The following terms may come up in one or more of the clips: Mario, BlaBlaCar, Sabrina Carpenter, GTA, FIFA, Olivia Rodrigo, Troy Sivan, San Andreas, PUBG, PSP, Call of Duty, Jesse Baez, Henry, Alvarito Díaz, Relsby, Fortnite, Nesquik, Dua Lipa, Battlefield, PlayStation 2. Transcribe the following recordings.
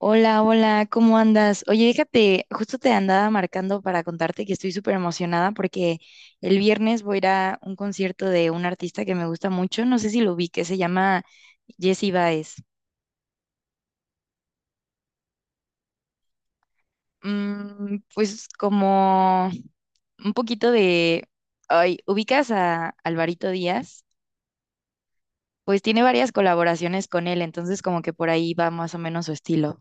Hola, hola, ¿cómo andas? Oye, déjate, justo te andaba marcando para contarte que estoy súper emocionada porque el viernes voy a ir a un concierto de un artista que me gusta mucho, no sé si lo vi, que se llama Jesse Baez. Mm, pues como un poquito de, ay, ubicas a Alvarito Díaz, pues tiene varias colaboraciones con él, entonces como que por ahí va más o menos su estilo.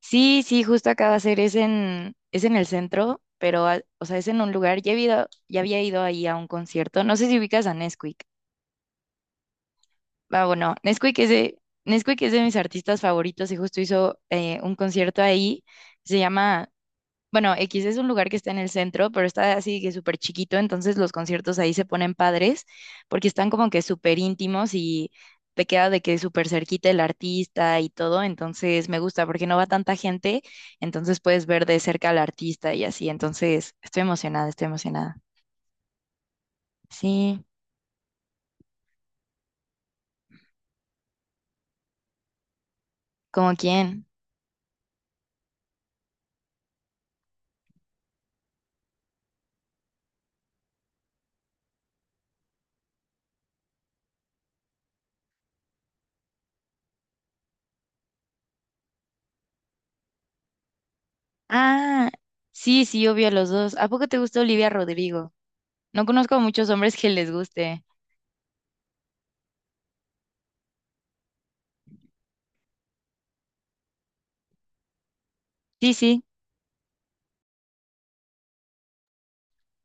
Sí, sí, justo acaba de a ser, es en el centro, pero, o sea, es en un lugar, ya había ido ahí a un concierto, no sé si ubicas a Nesquik, ah, bueno, Nesquik es de mis artistas favoritos y justo hizo un concierto ahí, se llama bueno, X es un lugar que está en el centro, pero está así que súper chiquito, entonces los conciertos ahí se ponen padres porque están como que súper íntimos y te queda de que súper cerquita el artista y todo, entonces me gusta porque no va tanta gente, entonces puedes ver de cerca al artista y así, entonces estoy emocionada, estoy emocionada. Sí, ¿como quién? Ah, sí, sí, obvio los dos. ¿A poco te gusta Olivia Rodrigo? No conozco a muchos hombres que les guste. Sí, sí.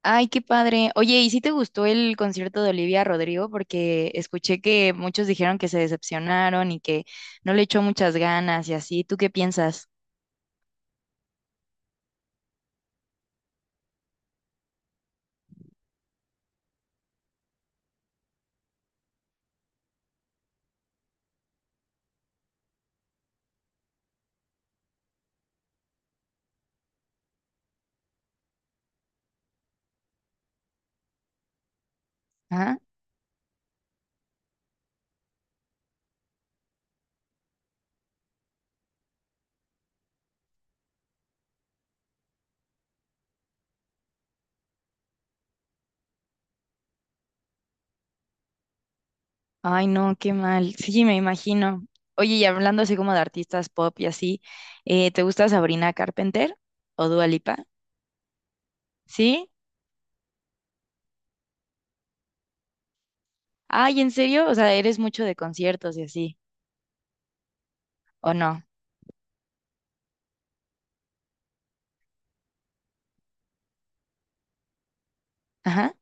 Ay, qué padre. Oye, ¿y si te gustó el concierto de Olivia Rodrigo? Porque escuché que muchos dijeron que se decepcionaron y que no le echó muchas ganas y así. ¿Tú qué piensas? ¿Ah? Ay, no, qué mal. Sí, me imagino. Oye, y hablando así como de artistas pop y así, ¿te gusta Sabrina Carpenter o Dua Lipa? ¿Sí? Ay, ¿en serio? O sea, ¿eres mucho de conciertos y así? ¿O no? Ajá.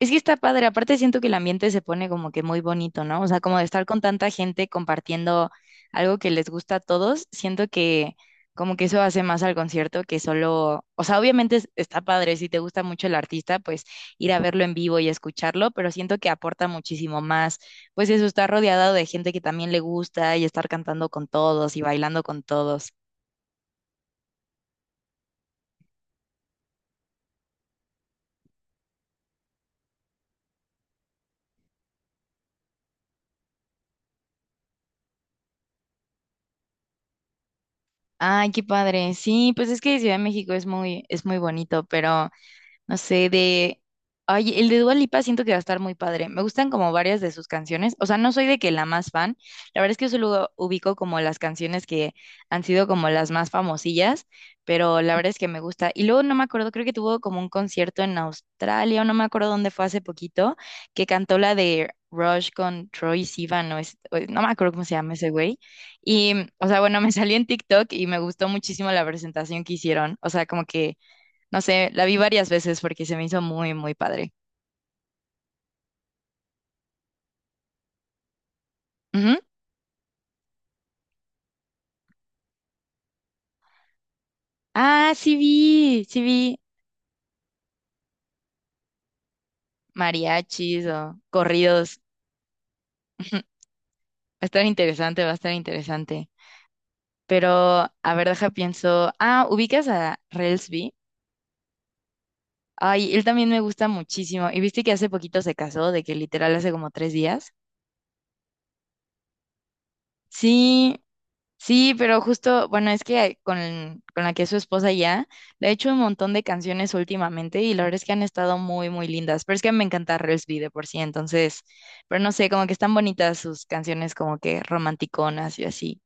Es que está padre, aparte siento que el ambiente se pone como que muy bonito, ¿no? O sea, como de estar con tanta gente compartiendo algo que les gusta a todos, siento que como que eso hace más al concierto que solo, o sea, está padre, si te gusta mucho el artista, pues ir a verlo en vivo y escucharlo, pero siento que aporta muchísimo más, pues eso, estar rodeado de gente que también le gusta y estar cantando con todos y bailando con todos. Ay, qué padre. Sí, pues es que Ciudad de México es muy bonito, pero no sé, de... Ay, el de Dua Lipa siento que va a estar muy padre. Me gustan como varias de sus canciones. O sea, no soy de que la más fan. La verdad es que yo solo ubico como las canciones que han sido como las más famosillas, pero la verdad es que me gusta. Y luego no me acuerdo, creo que tuvo como un concierto en Australia, o no me acuerdo dónde fue hace poquito, que cantó la de Rush con Troy Sivan, no me acuerdo cómo se llama ese güey. Y, o sea, bueno, me salió en TikTok y me gustó muchísimo la presentación que hicieron. O sea, como que no sé, la vi varias veces porque se me hizo muy, muy padre. Ujú. Ah, sí vi mariachis o corridos. Ujú. Va a estar interesante, va a estar interesante. Pero, a ver, deja pienso. Ah, ¿ubicas a Relsby? Ay, él también me gusta muchísimo. ¿Y viste que hace poquito se casó, de que literal hace como 3 días? Sí, sí, pero justo, bueno, es que con la que es su esposa ya, le ha hecho un montón de canciones últimamente y la verdad es que han estado muy, muy lindas. Pero es que me encanta Relsby de por sí, entonces, pero no sé, como que están bonitas sus canciones como que romanticonas y así.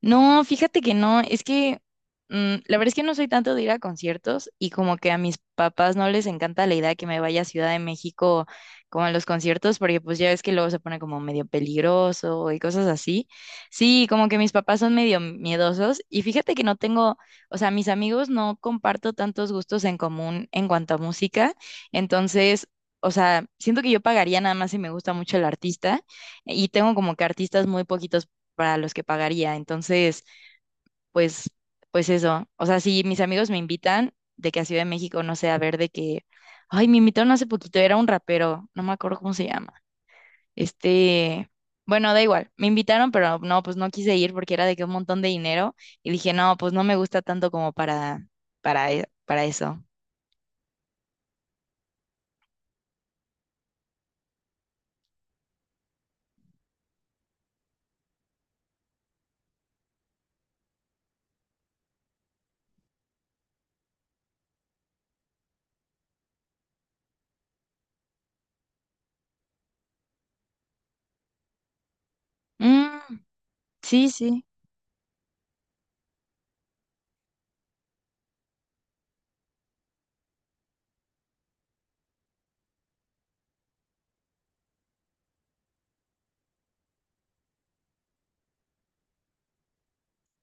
No, fíjate que no, es que mm, la verdad es que no soy tanto de ir a conciertos y como que a mis papás no les encanta la idea de que me vaya a Ciudad de México como a los conciertos porque pues ya ves que luego se pone como medio peligroso y cosas así. Sí, como que mis papás son medio miedosos y fíjate que no tengo, o sea, mis amigos no comparto tantos gustos en común en cuanto a música, entonces... O sea, siento que yo pagaría nada más si me gusta mucho el artista y tengo como que artistas muy poquitos para los que pagaría. Entonces, pues, pues eso. O sea, si mis amigos me invitan de que a Ciudad de México, no sé, a ver de que, ay, me invitaron hace poquito, era un rapero, no me acuerdo cómo se llama. Este, bueno, da igual, me invitaron, pero no, pues no quise ir porque era de que un montón de dinero y dije, no, pues no me gusta tanto como para, para eso. Mm, sí, sí,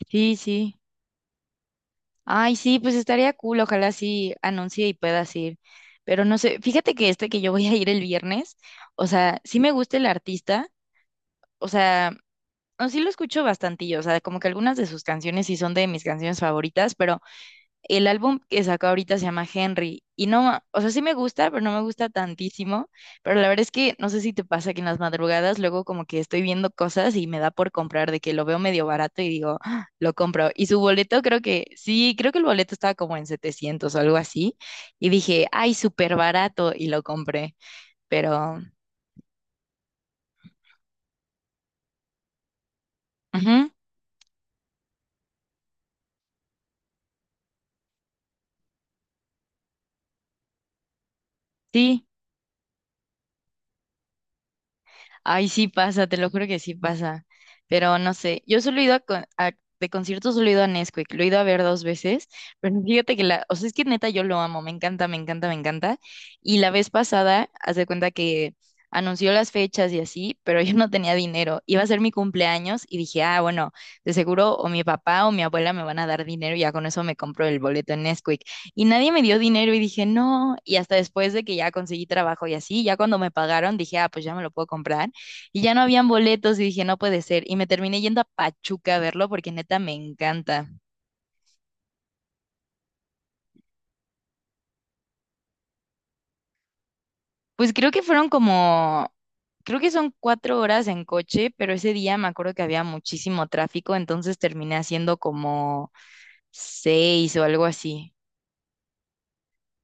sí, sí. Ay, sí, pues estaría cool, ojalá sí anuncie y puedas ir. Pero no sé, fíjate que este que yo voy a ir el viernes, o sea, sí me gusta el artista, o sea, no, sí lo escucho bastantillo, o sea, como que algunas de sus canciones sí son de mis canciones favoritas, pero el álbum que sacó ahorita se llama Henry y no, o sea, sí me gusta, pero no me gusta tantísimo, pero la verdad es que no sé si te pasa que en las madrugadas luego como que estoy viendo cosas y me da por comprar de que lo veo medio barato y digo, "Ah, lo compro". Y su boleto creo que, sí, creo que el boleto estaba como en 700 o algo así y dije, ay, súper barato y lo compré, pero, ujú, sí. Ay, sí pasa, te lo juro que sí pasa. Pero no sé, yo solo he ido a, de conciertos, solo he ido a Nesquik, lo he ido a ver dos veces, pero fíjate que la, o sea, es que neta yo lo amo, me encanta, me encanta, me encanta. Y la vez pasada, haz de cuenta que anunció las fechas y así, pero yo no tenía dinero. Iba a ser mi cumpleaños y dije, ah, bueno, de seguro o mi papá o mi abuela me van a dar dinero y ya con eso me compro el boleto en Nesquik. Y nadie me dio dinero y dije, no. Y hasta después de que ya conseguí trabajo y así, ya cuando me pagaron, dije, ah, pues ya me lo puedo comprar. Y ya no habían boletos y dije, no puede ser. Y me terminé yendo a Pachuca a verlo porque neta me encanta. Pues creo que fueron como, creo que son 4 horas en coche, pero ese día me acuerdo que había muchísimo tráfico, entonces terminé haciendo como 6 o algo así.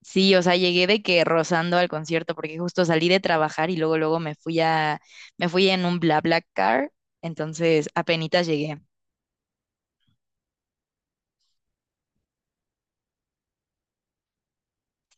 Sí, o sea, llegué de que rozando al concierto porque justo salí de trabajar y luego luego me fui en un BlaBlaCar, entonces apenitas llegué.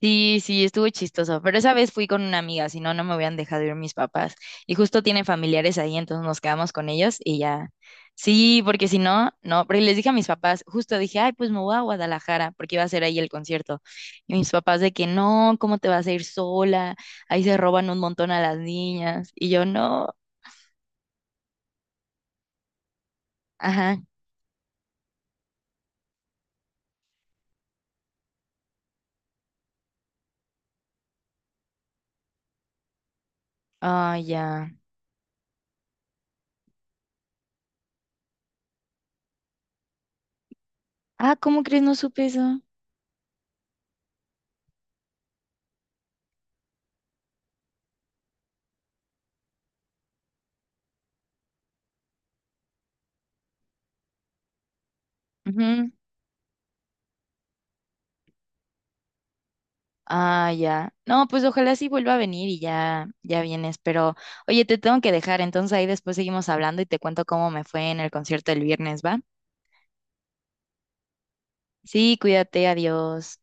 Sí, sí, estuvo chistoso, pero esa vez fui con una amiga, si no, no me hubieran dejado ir mis papás. Y justo tienen familiares ahí, entonces nos quedamos con ellos y ya. Sí, porque si no, no, pero les dije a mis papás, justo dije, ay, pues me voy a Guadalajara, porque iba a ser ahí el concierto. Y mis papás de que no, ¿cómo te vas a ir sola? Ahí se roban un montón a las niñas. Y yo no, ajá, ay, ya. Ah, ¿cómo crees? No supe eso. Ah, ya. No, pues ojalá sí vuelva a venir y ya, ya vienes. Pero, oye, te tengo que dejar, entonces ahí después seguimos hablando y te cuento cómo me fue en el concierto el viernes, ¿va? Sí, cuídate, adiós.